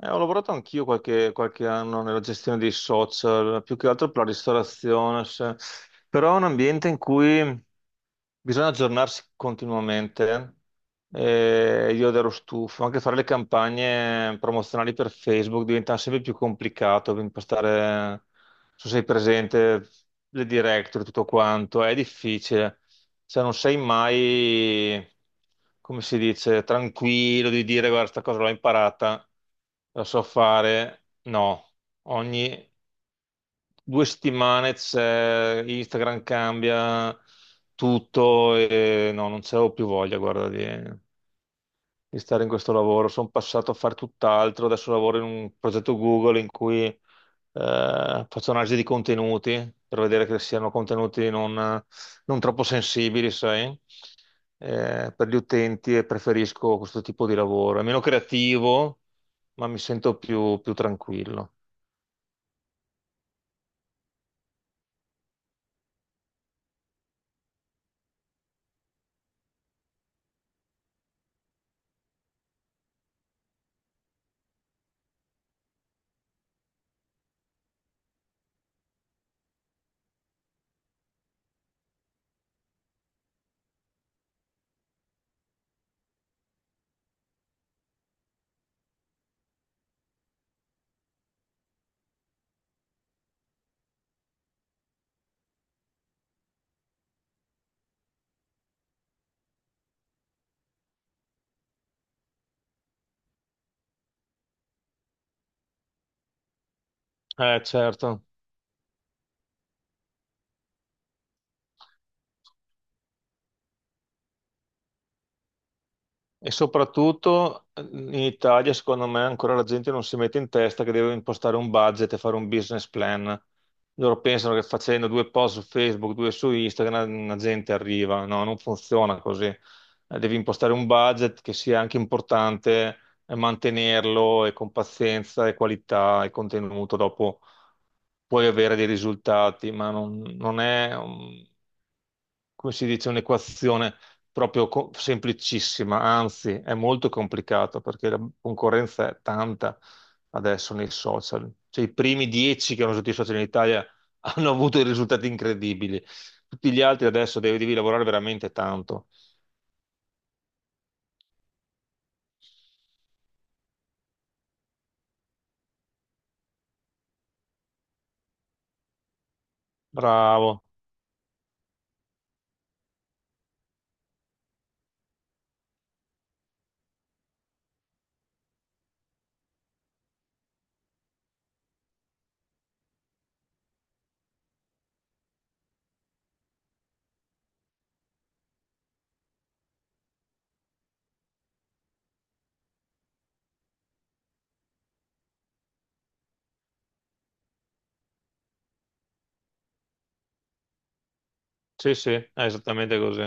Ho lavorato anch'io qualche anno nella gestione dei social, più che altro per la ristorazione, però è un ambiente in cui bisogna aggiornarsi continuamente. Io ero stufo, anche fare le campagne promozionali per Facebook diventa sempre più complicato per impostare, non so se sei presente, le directory, tutto quanto, è difficile. Cioè non sei mai, come si dice, tranquillo di dire guarda, sta cosa l'ho imparata, la so fare. No, ogni 2 settimane c'è, Instagram cambia tutto e no, non c'avevo più voglia, guarda, di stare in questo lavoro. Sono passato a fare tutt'altro, adesso lavoro in un progetto Google in cui faccio analisi di contenuti per vedere che siano contenuti non troppo sensibili, sai? Per gli utenti, e preferisco questo tipo di lavoro. È meno creativo, ma mi sento più tranquillo. Certo. E soprattutto in Italia, secondo me, ancora la gente non si mette in testa che deve impostare un budget e fare un business plan. Loro pensano che facendo due post su Facebook, due su Instagram, la gente arriva. No, non funziona così. Devi impostare un budget che sia anche importante e mantenerlo, e con pazienza e qualità e contenuto. Dopo puoi avere dei risultati, ma non è, come si dice, un'equazione proprio semplicissima, anzi è molto complicato perché la concorrenza è tanta adesso nei social. Cioè, i primi 10 che hanno usato i social in Italia hanno avuto dei risultati incredibili. Tutti gli altri adesso devi lavorare veramente tanto. Bravo. Sì, sì, è esattamente così.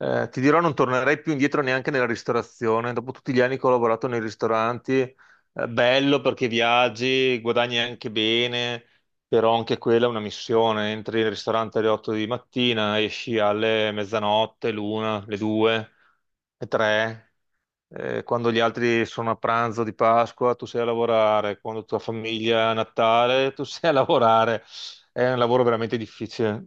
Ti dirò, non tornerei più indietro neanche nella ristorazione. Dopo tutti gli anni che ho lavorato nei ristoranti, bello perché viaggi, guadagni anche bene, però anche quella è una missione. Entri in ristorante alle 8 di mattina, esci alle mezzanotte, l'una, le due, le tre. Quando gli altri sono a pranzo di Pasqua, tu sei a lavorare. Quando tua famiglia è a Natale, tu sei a lavorare. È un lavoro veramente difficile.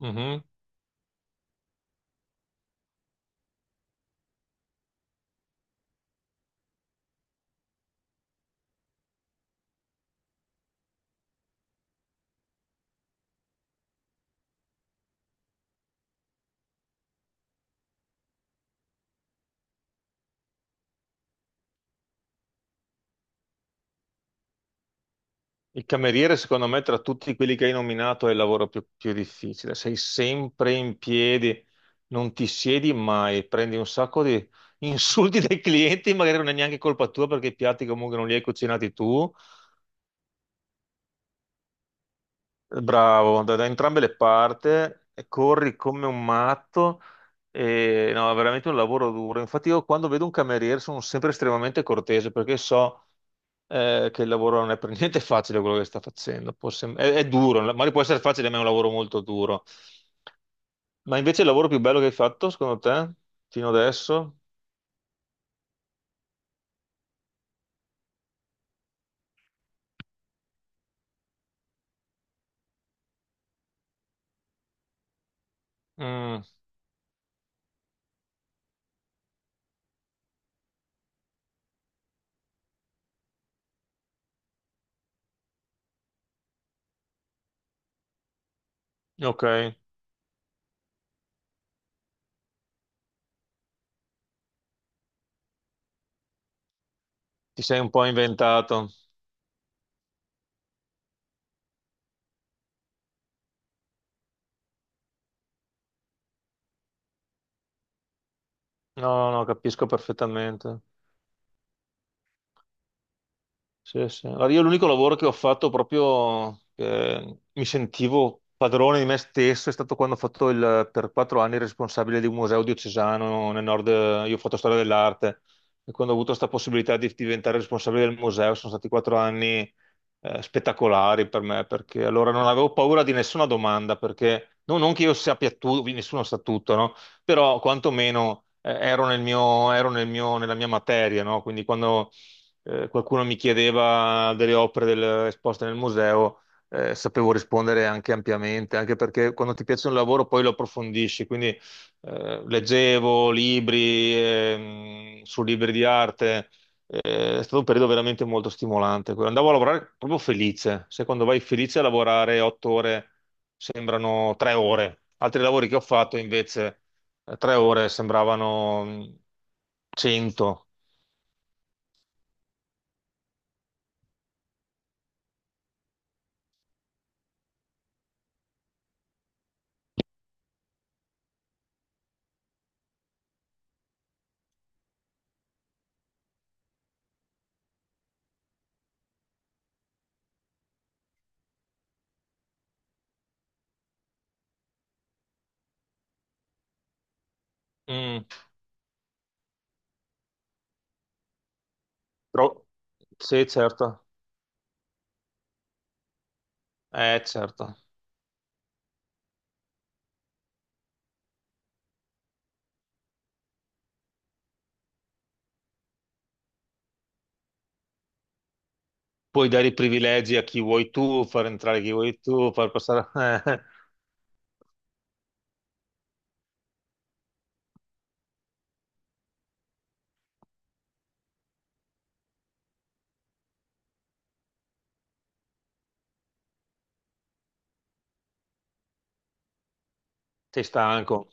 Mhm. Il cameriere, secondo me, tra tutti quelli che hai nominato, è il lavoro più difficile. Sei sempre in piedi, non ti siedi mai, prendi un sacco di insulti dai clienti, magari non è neanche colpa tua perché i piatti comunque non li hai cucinati tu. Bravo, da entrambe le parti, e corri come un matto, e no, è veramente un lavoro duro. Infatti io quando vedo un cameriere sono sempre estremamente cortese perché so che il lavoro non è per niente facile quello che sta facendo. È duro, magari può essere facile, ma è un lavoro molto duro. Ma invece il lavoro più bello che hai fatto, secondo te, fino adesso? Mm, ok, ti sei un po' inventato. No, no, capisco perfettamente. Sì, sì. Allora, io l'unico lavoro che ho fatto proprio che mi sentivo padrone di me stesso è stato quando ho fatto il, per 4 anni, il responsabile di un museo diocesano nel nord. Io ho fatto storia dell'arte, e quando ho avuto questa possibilità di diventare responsabile del museo sono stati 4 anni spettacolari per me, perché allora non avevo paura di nessuna domanda, perché no- non che io sappia tutto, nessuno sa tutto, no? Però quantomeno ero nel mio, nella mia materia, no? Quindi quando qualcuno mi chiedeva delle opere esposte nel museo, sapevo rispondere anche ampiamente, anche perché quando ti piace un lavoro poi lo approfondisci, quindi leggevo libri, su libri di arte, è stato un periodo veramente molto stimolante, quello. Andavo a lavorare proprio felice; se quando vai felice a lavorare 8 ore sembrano 3 ore, altri lavori che ho fatto invece 3 ore sembravano 100. Mm. Tro- Sì, certo, certo. Puoi dare i privilegi a chi vuoi tu, far entrare chi vuoi tu, far passare. Sei stanco.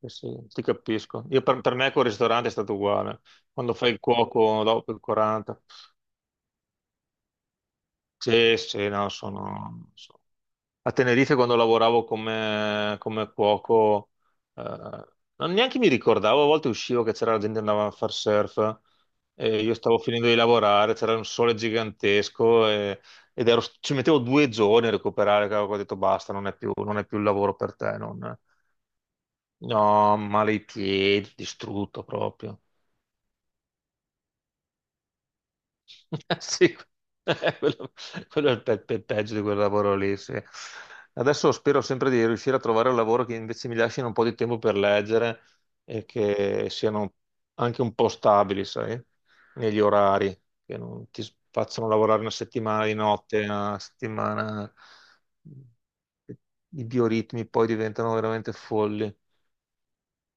Sì, sì, ti capisco. Io per me col ristorante è stato uguale. Quando fai il cuoco dopo il 40. Sì, sì, no, sono... sono- A Tenerife quando lavoravo come cuoco, eh, non neanche mi ricordavo, a volte uscivo che c'era gente che andava a far surf. E io stavo finendo di lavorare, c'era un sole gigantesco ci mettevo 2 giorni a recuperare. Cavolo, ho detto basta, non è più il lavoro per te, non- no, male i piedi, distrutto proprio. Sì, quello, quello, è il peggio di quel lavoro lì, sì. Adesso spero sempre di riuscire a trovare un lavoro che invece mi lasciano un po' di tempo per leggere e che siano anche un po' stabili, sai, negli orari, che non ti facciano lavorare una settimana di notte, una settimana. I bioritmi poi diventano veramente folli.